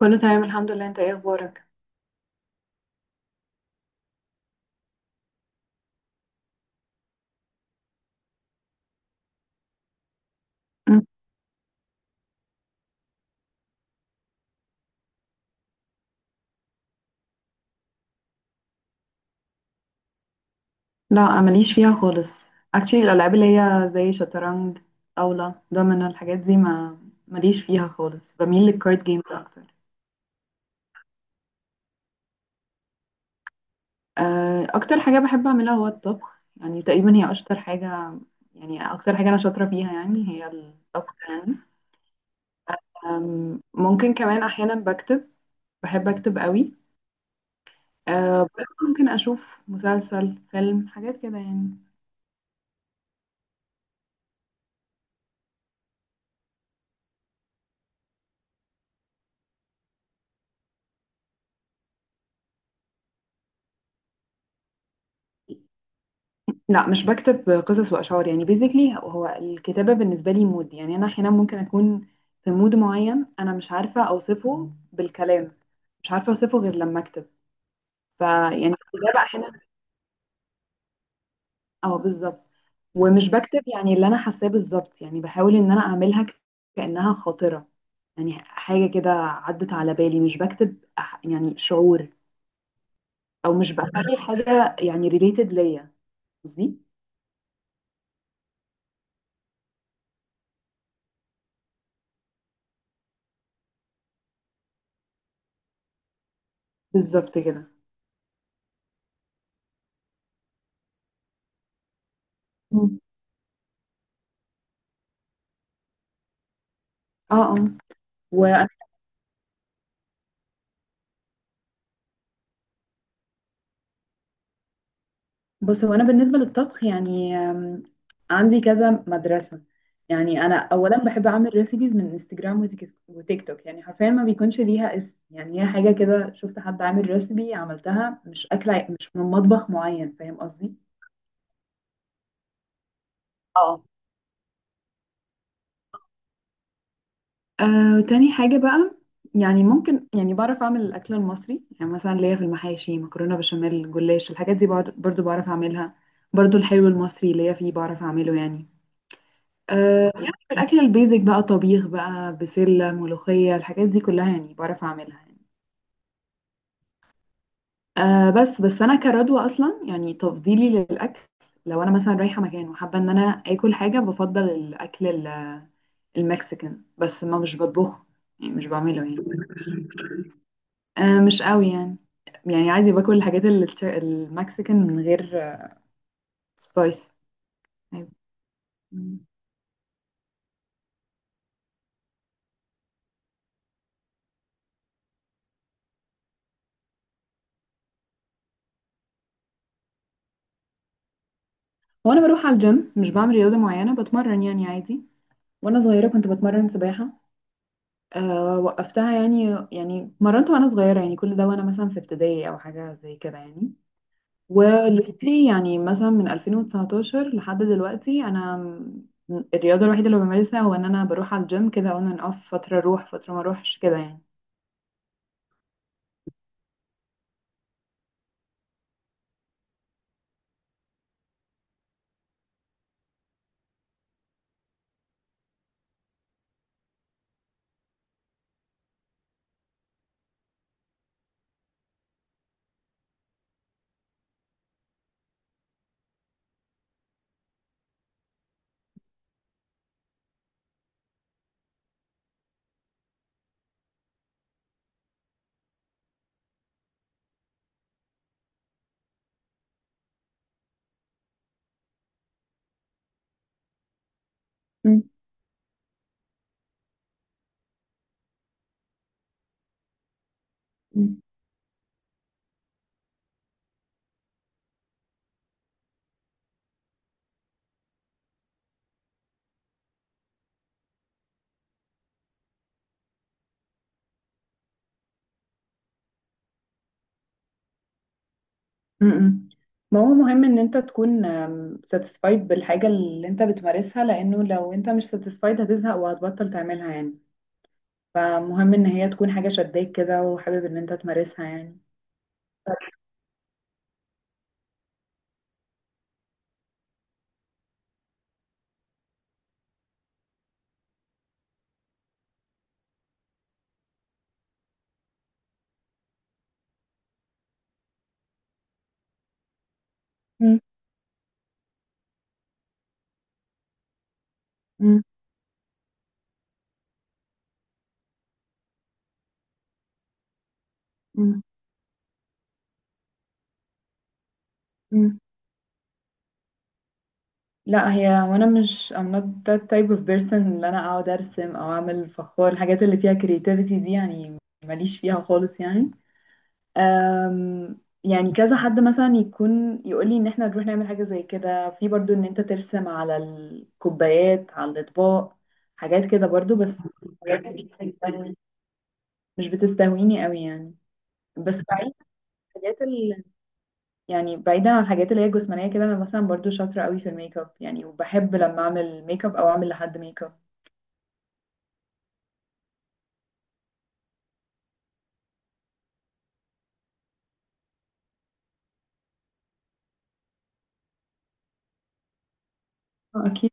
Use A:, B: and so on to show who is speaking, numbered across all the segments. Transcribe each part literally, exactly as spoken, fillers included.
A: كله تمام، الحمد لله. انت ايه اخبارك؟ مم. لا، ماليش فيها خالص. actually الالعاب اللي هي زي شطرنج، طاوله، دومينو، الحاجات دي ما ماليش فيها خالص، بميل للكارد جيمز اكتر. آه، اكتر حاجه بحب اعملها هو الطبخ، يعني تقريبا هي اشطر حاجه. يعني اكتر حاجه انا شاطره فيها يعني هي الطبخ يعني. أم، ممكن كمان احيانا بكتب، بحب اكتب قوي. أه برضه ممكن اشوف مسلسل، فيلم، حاجات كده يعني. لا، مش بكتب قصص واشعار، يعني بيزيكلي هو الكتابه بالنسبه لي مود. يعني انا احيانا ممكن اكون في مود معين، انا مش عارفه اوصفه بالكلام، مش عارفه اوصفه غير لما اكتب. فيعني الكتابه احيانا، اه بالظبط. ومش بكتب يعني اللي انا حاساه بالظبط، يعني بحاول ان انا اعملها ك- كانها خاطره، يعني حاجه كده عدت على بالي، مش بكتب أح- يعني شعور. او مش بخلي الحاجه يعني ريليتد ليا. قصدي بالظبط كده. مم. اه. اه، بص هو انا بالنسبه للطبخ يعني، آم، عندي كذا مدرسه. يعني انا اولا بحب اعمل ريسيبيز من انستجرام وتيك وتيك توك، يعني حرفيا ما بيكونش ليها اسم، يعني هي حاجه كده شفت حد عامل ريسيبي عملتها، مش اكله مش من مطبخ معين، فاهم قصدي. اه. آه، تاني حاجه بقى، يعني ممكن يعني بعرف اعمل الاكل المصري، يعني مثلا ليا في المحاشي، مكرونه بشاميل، جلاش، الحاجات دي بعد- برضو بعرف اعملها. برضو الحلو المصري ليا فيه، بعرف اعمله يعني. أه يعني الأكل البيزك بقى، طبيخ بقى، بسلة، ملوخية، الحاجات دي كلها يعني بعرف أعملها يعني. أه بس بس أنا كردوة أصلا، يعني تفضيلي للأكل لو أنا مثلا رايحة مكان وحابة إن أنا آكل حاجة، بفضل الأكل ال- المكسيكان، بس ما مش بطبخه، يعني مش بعمله يعني. أه مش قوي يعني. يعني عادي باكل الحاجات ال- المكسيكان من غير سبايس. وأنا بروح على الجيم مش بعمل رياضة معينة، بتمرن يعني عادي. وأنا صغيرة كنت بتمرن سباحة، أه وقفتها يعني، يعني مرنت وانا صغيره، يعني كل ده وانا مثلا في ابتدائي او حاجه زي كده يعني. ودلوقتي يعني مثلا من ألفين وتسعتاشر لحد دلوقتي انا، م- الرياضه الوحيده اللي بمارسها هو ان انا بروح على الجيم، كده اون اند اوف، فتره اروح فتره ما اروحش كده يعني. مم. مم. م-م. ما هو مهم ان انت تكون ساتيسفايد بالحاجه اللي انت بتمارسها، لانه لو انت مش ساتيسفايد هتزهق وهتبطل تعملها يعني. فمهم ان هي تكون حاجه شداك كده وحابب ان انت تمارسها يعني. مم. مم. مم. لا، هي وانا مش I'm not that type of person اللي انا اقعد ارسم او اعمل فخار، الحاجات اللي فيها creativity دي يعني ماليش فيها خالص يعني. أم، يعني كذا حد مثلا يكون يقول لي ان احنا نروح نعمل حاجة زي كده، في برضو ان انت ترسم على الكوبايات على الاطباق، حاجات كده برضو، بس الحاجات دي مش بتستهويني قوي يعني. بس بعيد عن الحاجات، يعني بعيدا عن الحاجات اللي هي الجسمانية كده، أنا مثلا برضو شاطرة قوي في الميك اب يعني، وبحب لما أعمل ميك اب أو أعمل لحد ميك اب. آه، أكيد.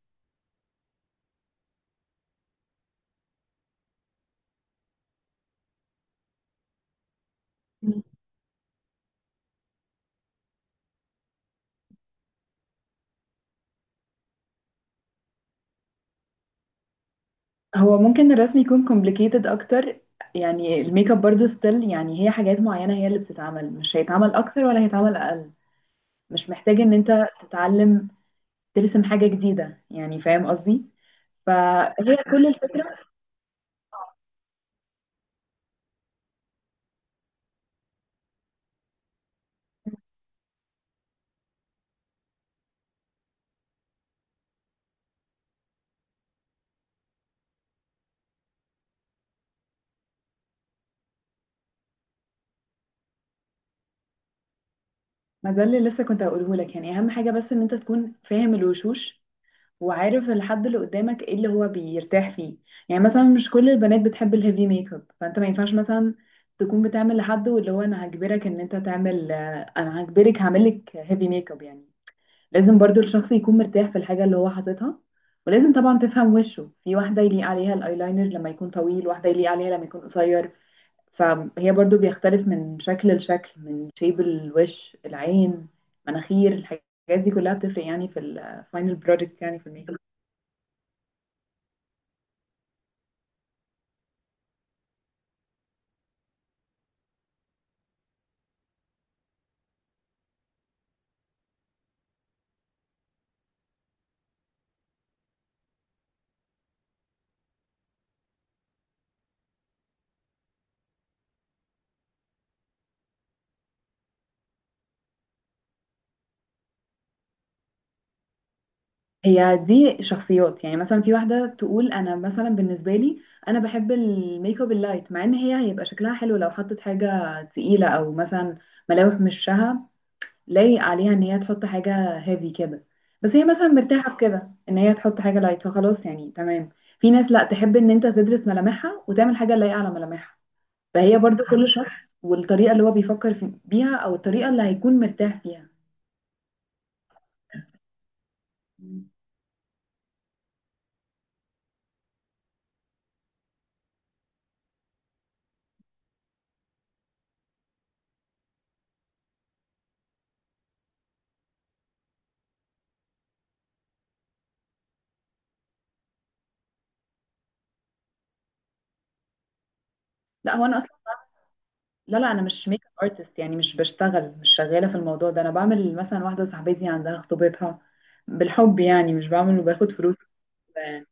A: هو ممكن الرسم يكون complicated أكتر. يعني الميك اب برضو ستيل، يعني هي حاجات معينة هي اللي بتتعمل، مش هيتعمل أكتر ولا هيتعمل أقل، مش محتاج إن أنت تتعلم ترسم حاجة جديدة يعني، فاهم قصدي. فهي كل الفكرة. ما ده اللي لسه كنت هقوله لك، يعني أهم حاجة بس إن أنت تكون فاهم الوشوش وعارف الحد اللي قدامك ايه اللي هو بيرتاح فيه. يعني مثلا مش كل البنات بتحب الهيفي ميك اب، فانت ما ينفعش مثلا تكون بتعمل لحد واللي هو انا هجبرك ان انت تعمل، آه، انا هجبرك هعمل لك هيفي ميك اب يعني. لازم برضو الشخص يكون مرتاح في الحاجة اللي هو حاططها. ولازم طبعا تفهم وشه، في واحدة يليق عليها الايلاينر لما يكون طويل، واحدة يليق عليها لما يكون قصير. فهي برضو بيختلف من شكل لشكل، من شيب الوش، العين، مناخير، الحاجات دي كلها بتفرق يعني في الفاينل بروجكت يعني في الميك اب. هي دي شخصيات، يعني مثلا في واحدة تقول أنا مثلا بالنسبة لي أنا بحب الميك اب اللايت، مع إن هي هيبقى شكلها حلو لو حطت حاجة تقيلة، أو مثلا ملامح من وشها لايق عليها إن هي تحط حاجة هيفي كده، بس هي مثلا مرتاحة في كده إن هي تحط حاجة لايت فخلاص يعني تمام. في ناس لأ، تحب إن أنت تدرس ملامحها وتعمل حاجة لايقة على ملامحها. فهي برضو كل شخص والطريقة اللي هو بيفكر في بيها أو الطريقة اللي هيكون مرتاح فيها. لا هو انا، لا لا انا مش ميك اب ارتست يعني، مش بشتغل، مش شغاله في الموضوع ده. انا بعمل مثلا واحده صاحبتي عندها خطوبتها بالحب، يعني مش بعمل وباخد فلوس كده يعني.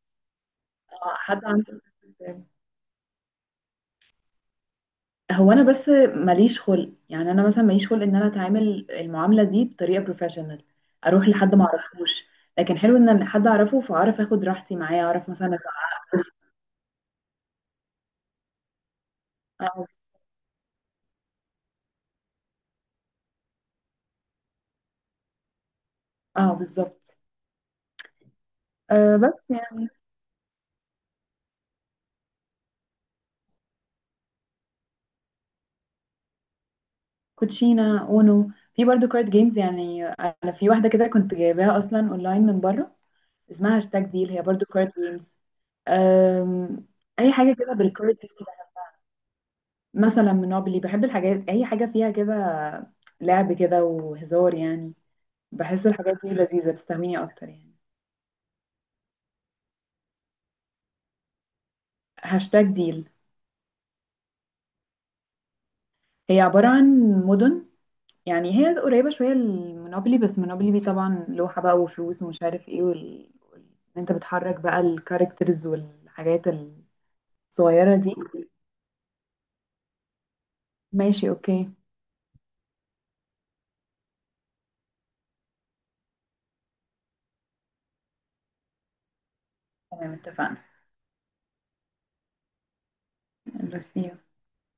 A: اه، حد عنده. هو انا بس ماليش خلق، يعني انا مثلا ماليش خلق ان انا اتعامل المعامله دي بطريقه بروفيشنال، اروح لحد ما اعرفوش. لكن حلو ان حد اعرفه فاعرف اخد راحتي معاه، اعرف مثلا أتع- اه. اه بالظبط. آه بس يعني، كوتشينا اونو، في برضو كارد جيمز، يعني انا في واحده كده كنت جايباها اصلا اونلاين من بره اسمها هاشتاج ديل، هي برضو كارد جيمز. أم، اي حاجه كده بالكارد. مثلا منوبلي، بحب الحاجات اي حاجه فيها كده، لعب كده وهزار يعني. بحس الحاجات دي لذيذه بتستهويني اكتر يعني. هاشتاج ديل هي عباره عن مدن. يعني هي قريبه شويه لمونوبلي، بس مونوبلي دي طبعا لوحه بقى وفلوس ومش عارف ايه، وال... وال- إن انت بتحرك بقى الكاركترز والحاجات الصغيره دي. ماشي اوكي. تمام اتفقنا. نرسيها.